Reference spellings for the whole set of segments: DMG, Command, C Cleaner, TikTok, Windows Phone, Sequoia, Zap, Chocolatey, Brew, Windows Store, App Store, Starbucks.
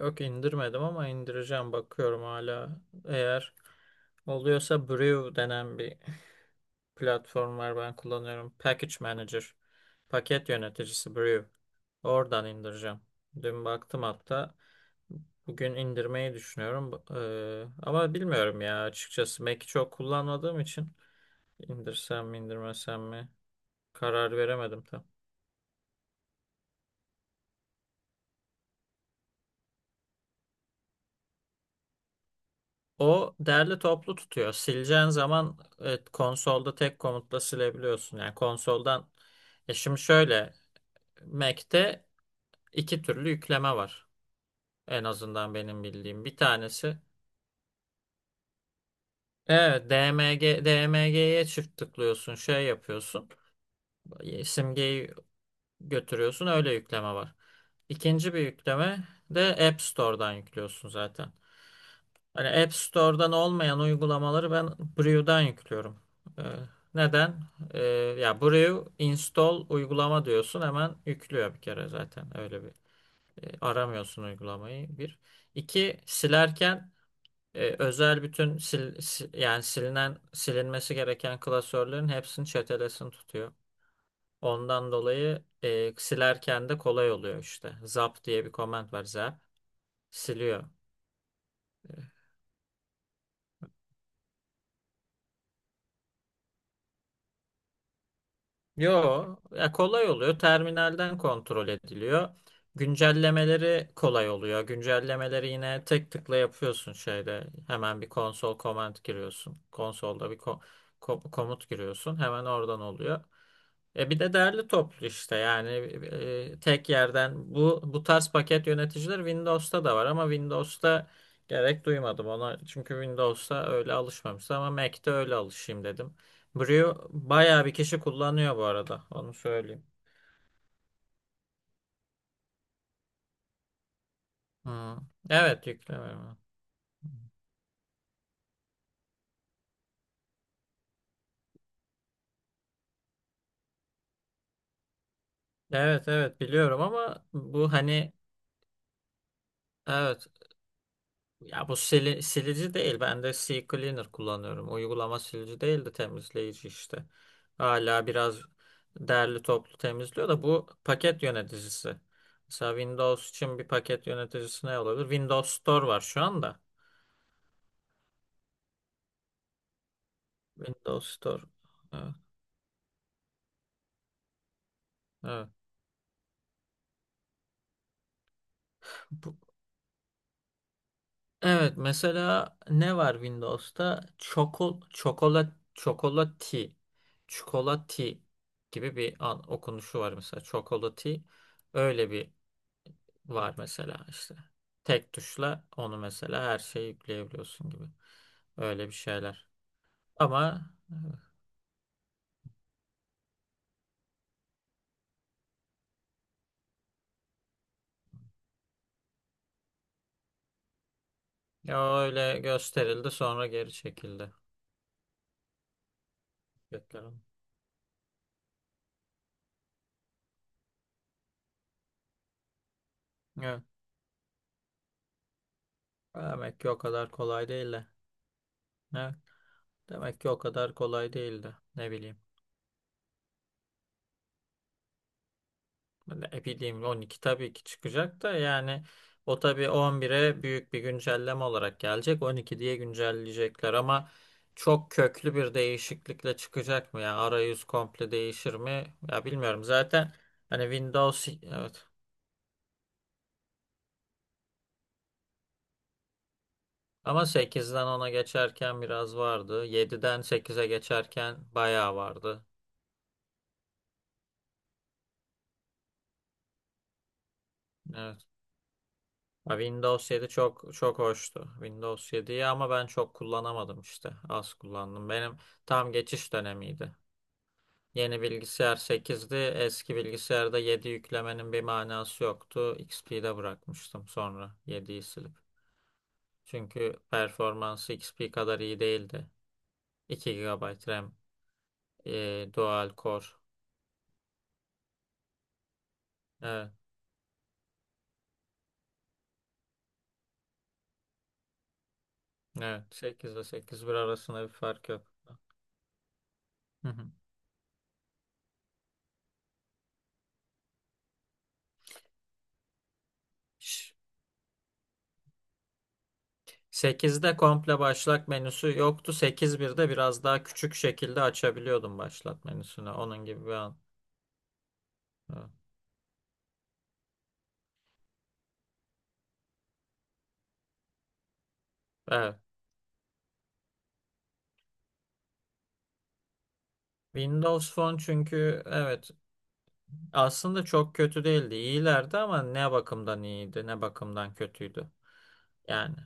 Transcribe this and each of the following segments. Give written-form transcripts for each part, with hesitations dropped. Yok, indirmedim ama indireceğim, bakıyorum hala. Eğer oluyorsa Brew denen bir platform var, ben kullanıyorum. Package Manager, paket yöneticisi Brew. Oradan indireceğim. Dün baktım hatta. Bugün indirmeyi düşünüyorum. Ama bilmiyorum ya, açıkçası. Mac'i çok kullanmadığım için indirsem mi indirmesem mi karar veremedim tam. O derli toplu tutuyor. Sileceğin zaman, evet, konsolda tek komutla silebiliyorsun. Yani konsoldan, şimdi şöyle, Mac'te iki türlü yükleme var. En azından benim bildiğim. Bir tanesi, evet, DMG'ye çift tıklıyorsun, şey yapıyorsun. Simgeyi götürüyorsun, öyle yükleme var. İkinci bir yükleme de App Store'dan yüklüyorsun zaten. Hani App Store'dan olmayan uygulamaları ben Brew'dan yüklüyorum. Ee, Neden? Ee, Ya, Brew install uygulama diyorsun, hemen yüklüyor bir kere zaten. Öyle bir aramıyorsun uygulamayı bir. İki, silerken özel bütün yani silinen, silinmesi gereken klasörlerin hepsini, çetelesini tutuyor. Ondan dolayı silerken de kolay oluyor işte. Zap diye bir command var, zap siliyor. E, Yo, ya, kolay oluyor. Terminalden kontrol ediliyor. Güncellemeleri kolay oluyor. Güncellemeleri yine tek tıkla yapıyorsun şeyde. Hemen bir konsol command giriyorsun. Konsolda bir komut giriyorsun. Hemen oradan oluyor. Bir de derli toplu işte, yani tek yerden, bu tarz paket yöneticileri Windows'ta da var ama Windows'ta gerek duymadım ona, çünkü Windows'ta öyle alışmamıştım ama Mac'te öyle alışayım dedim. Brio bayağı bir kişi kullanıyor bu arada. Onu söyleyeyim. Hmm. Evet, yüklemiyorum. Evet, evet, biliyorum ama bu, hani, evet, ya, bu silici değil. Ben de C Cleaner kullanıyorum. Uygulama silici değil de temizleyici işte. Hala biraz derli toplu temizliyor da bu paket yöneticisi. Mesela Windows için bir paket yöneticisi ne olabilir? Windows Store var şu anda. Windows Store. Evet. Evet. Evet, mesela ne var Windows'ta? Çikolati gibi bir an, okunuşu var mesela. Çokolati, öyle bir var mesela işte. Tek tuşla onu, mesela, her şeyi yükleyebiliyorsun gibi. Öyle bir şeyler. Ama, evet, ya, öyle gösterildi, sonra geri çekildi. Beklerim. Evet. Demek ki o kadar kolay değil de. Evet. Demek ki o kadar kolay değildi. Ne bileyim. Ne bileyim, 12 tabii ki çıkacak da, yani o tabii 11'e büyük bir güncelleme olarak gelecek. 12 diye güncelleyecekler ama çok köklü bir değişiklikle çıkacak mı, yani arayüz komple değişir mi? Ya, bilmiyorum. Zaten, hani, Windows evet, ama sekizden ona geçerken biraz vardı. Yediden sekize geçerken bayağı vardı. Evet. Ya, Windows 7 çok çok hoştu. Windows 7'yi ama ben çok kullanamadım işte. Az kullandım. Benim tam geçiş dönemiydi. Yeni bilgisayar sekizdi, eski bilgisayarda 7 yüklemenin bir manası yoktu. XP'de bırakmıştım, sonra yediyi silip. Çünkü performansı XP kadar iyi değildi. 2 gigabayt RAM, dual core. Evet, evet. 8 ile sekiz bir arasında bir fark yok. Hı hı. Ş- 8'de komple başlat menüsü yoktu. Sekiz birde biraz daha küçük şekilde açabiliyordum başlat menüsünü. Onun gibi bir an. Evet. Evet. Windows Phone, çünkü, evet. Aslında çok kötü değildi. İyilerdi ama ne bakımdan iyiydi, ne bakımdan kötüydü. Yani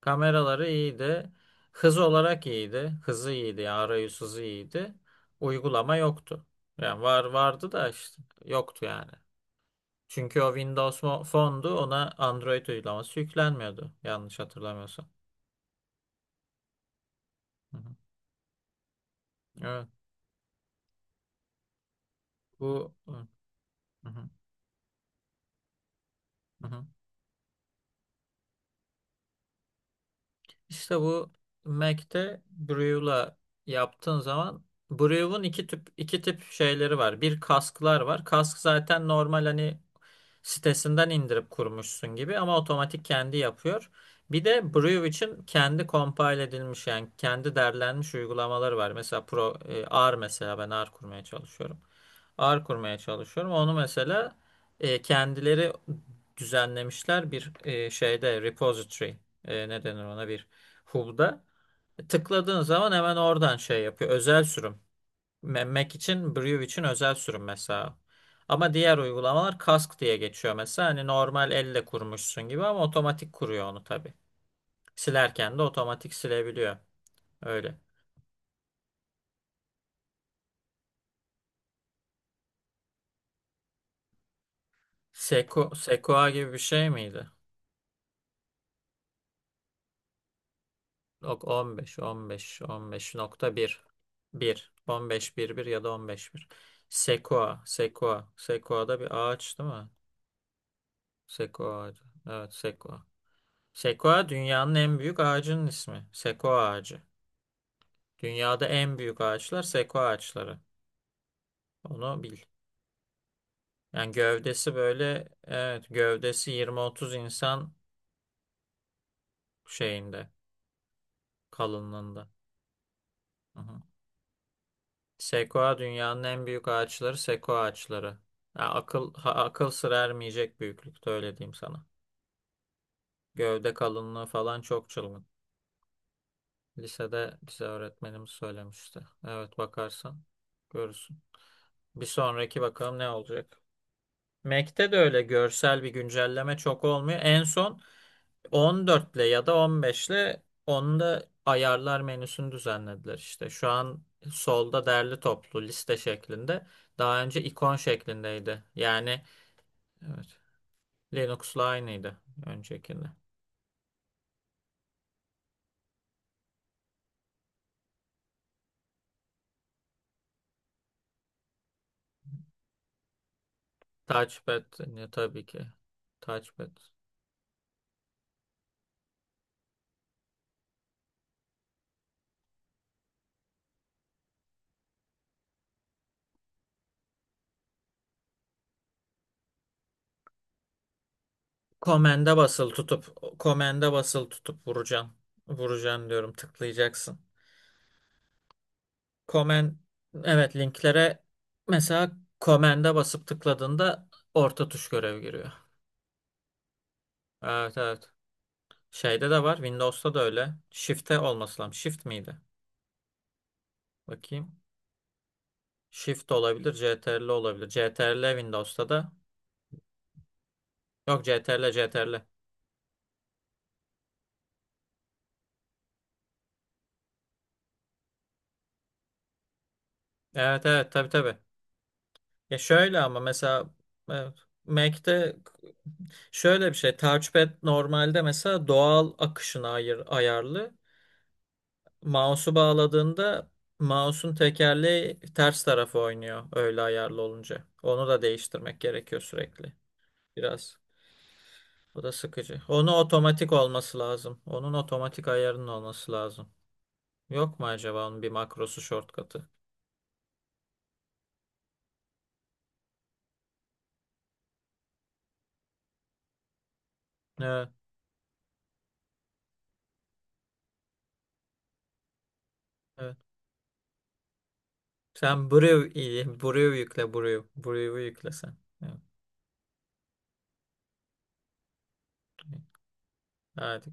kameraları iyiydi. Hız olarak iyiydi. Hızı iyiydi, yani arayüz hızı iyiydi. Uygulama yoktu. Yani, var vardı da işte, yoktu yani. Çünkü o Windows Phone'du, ona Android uygulaması yüklenmiyordu, yanlış hatırlamıyorsam. Hı hı. Evet. Bu, hı hı. Hı hı. İşte bu, Mac'te Brew'la yaptığın zaman, Brew'un iki tip şeyleri var. Bir, kasklar var. Kask, zaten normal hani sitesinden indirip kurmuşsun gibi ama otomatik kendi yapıyor. Bir de Brew için kendi compile edilmiş, yani kendi derlenmiş uygulamaları var. Mesela R mesela, ben R kurmaya çalışıyorum. R kurmaya çalışıyorum. Onu mesela kendileri düzenlemişler bir şeyde, repository, ne denir ona, bir Hub'da. Tıkladığın zaman hemen oradan şey yapıyor. Özel sürüm. Mac için, Brew için özel sürüm mesela. Ama diğer uygulamalar Cask diye geçiyor mesela. Hani normal elle kurmuşsun gibi ama otomatik kuruyor onu tabii. Silerken de otomatik silebiliyor. Öyle. Sequoia gibi bir şey miydi? Yok, 15, 15, 15.1. 1, 15.1.1 ya da 15.1. Sequoia, Sequoia. Sequoia da bir ağaç değil mi? Sequoia. Evet, Sequoia. Sekoya, dünyanın en büyük ağacının ismi. Sekoya ağacı. Dünyada en büyük ağaçlar sekoya ağaçları. Onu bil. Yani gövdesi, böyle, evet, gövdesi yirmi otuz insan şeyinde, kalınlığında. Hı hı. Sekoya, dünyanın en büyük ağaçları sekoya ağaçları. Ya, akıl sır ermeyecek büyüklükte, öyle diyeyim sana. Gövde kalınlığı falan çok çılgın. Lisede bize öğretmenimiz söylemişti. Evet, bakarsan görürsün. Bir sonraki bakalım ne olacak. Mac'te de öyle görsel bir güncelleme çok olmuyor. En son 14'le ya da 15'le onu da, ayarlar menüsünü düzenlediler işte. Şu an solda derli toplu liste şeklinde. Daha önce ikon şeklindeydi. Yani, evet, Linux'la aynıydı öncekinde. Touchpad, ne tabii ki. Touchpad. Komende basılı tutup, vuracaksın. Vuracaksın diyorum, tıklayacaksın. Komen evet, linklere mesela Command'e basıp tıkladığında orta tuş görev giriyor. Evet, evet. Şeyde de var. Windows'ta da öyle. Shift'e olması lazım. Shift miydi? Bakayım. Shift olabilir. CTRL olabilir. CTRL Windows'ta da. Yok, CTRL, CTRL. Evet, evet, tabii, tabii. Ya, şöyle ama mesela, evet, Mac'te şöyle bir şey. Touchpad normalde mesela doğal akışına ayarlı. Mouse'u bağladığında mouse'un tekerleği ters tarafa oynuyor öyle ayarlı olunca. Onu da değiştirmek gerekiyor sürekli. Biraz. Bu da sıkıcı. Onu otomatik olması lazım. Onun otomatik ayarının olması lazım. Yok mu acaba onun bir makrosu, shortcut'ı? Evet, evet. Sen, Brew, iyi. Brew yükle, Brew. Brew'u yükle sen. Evet. Hadi.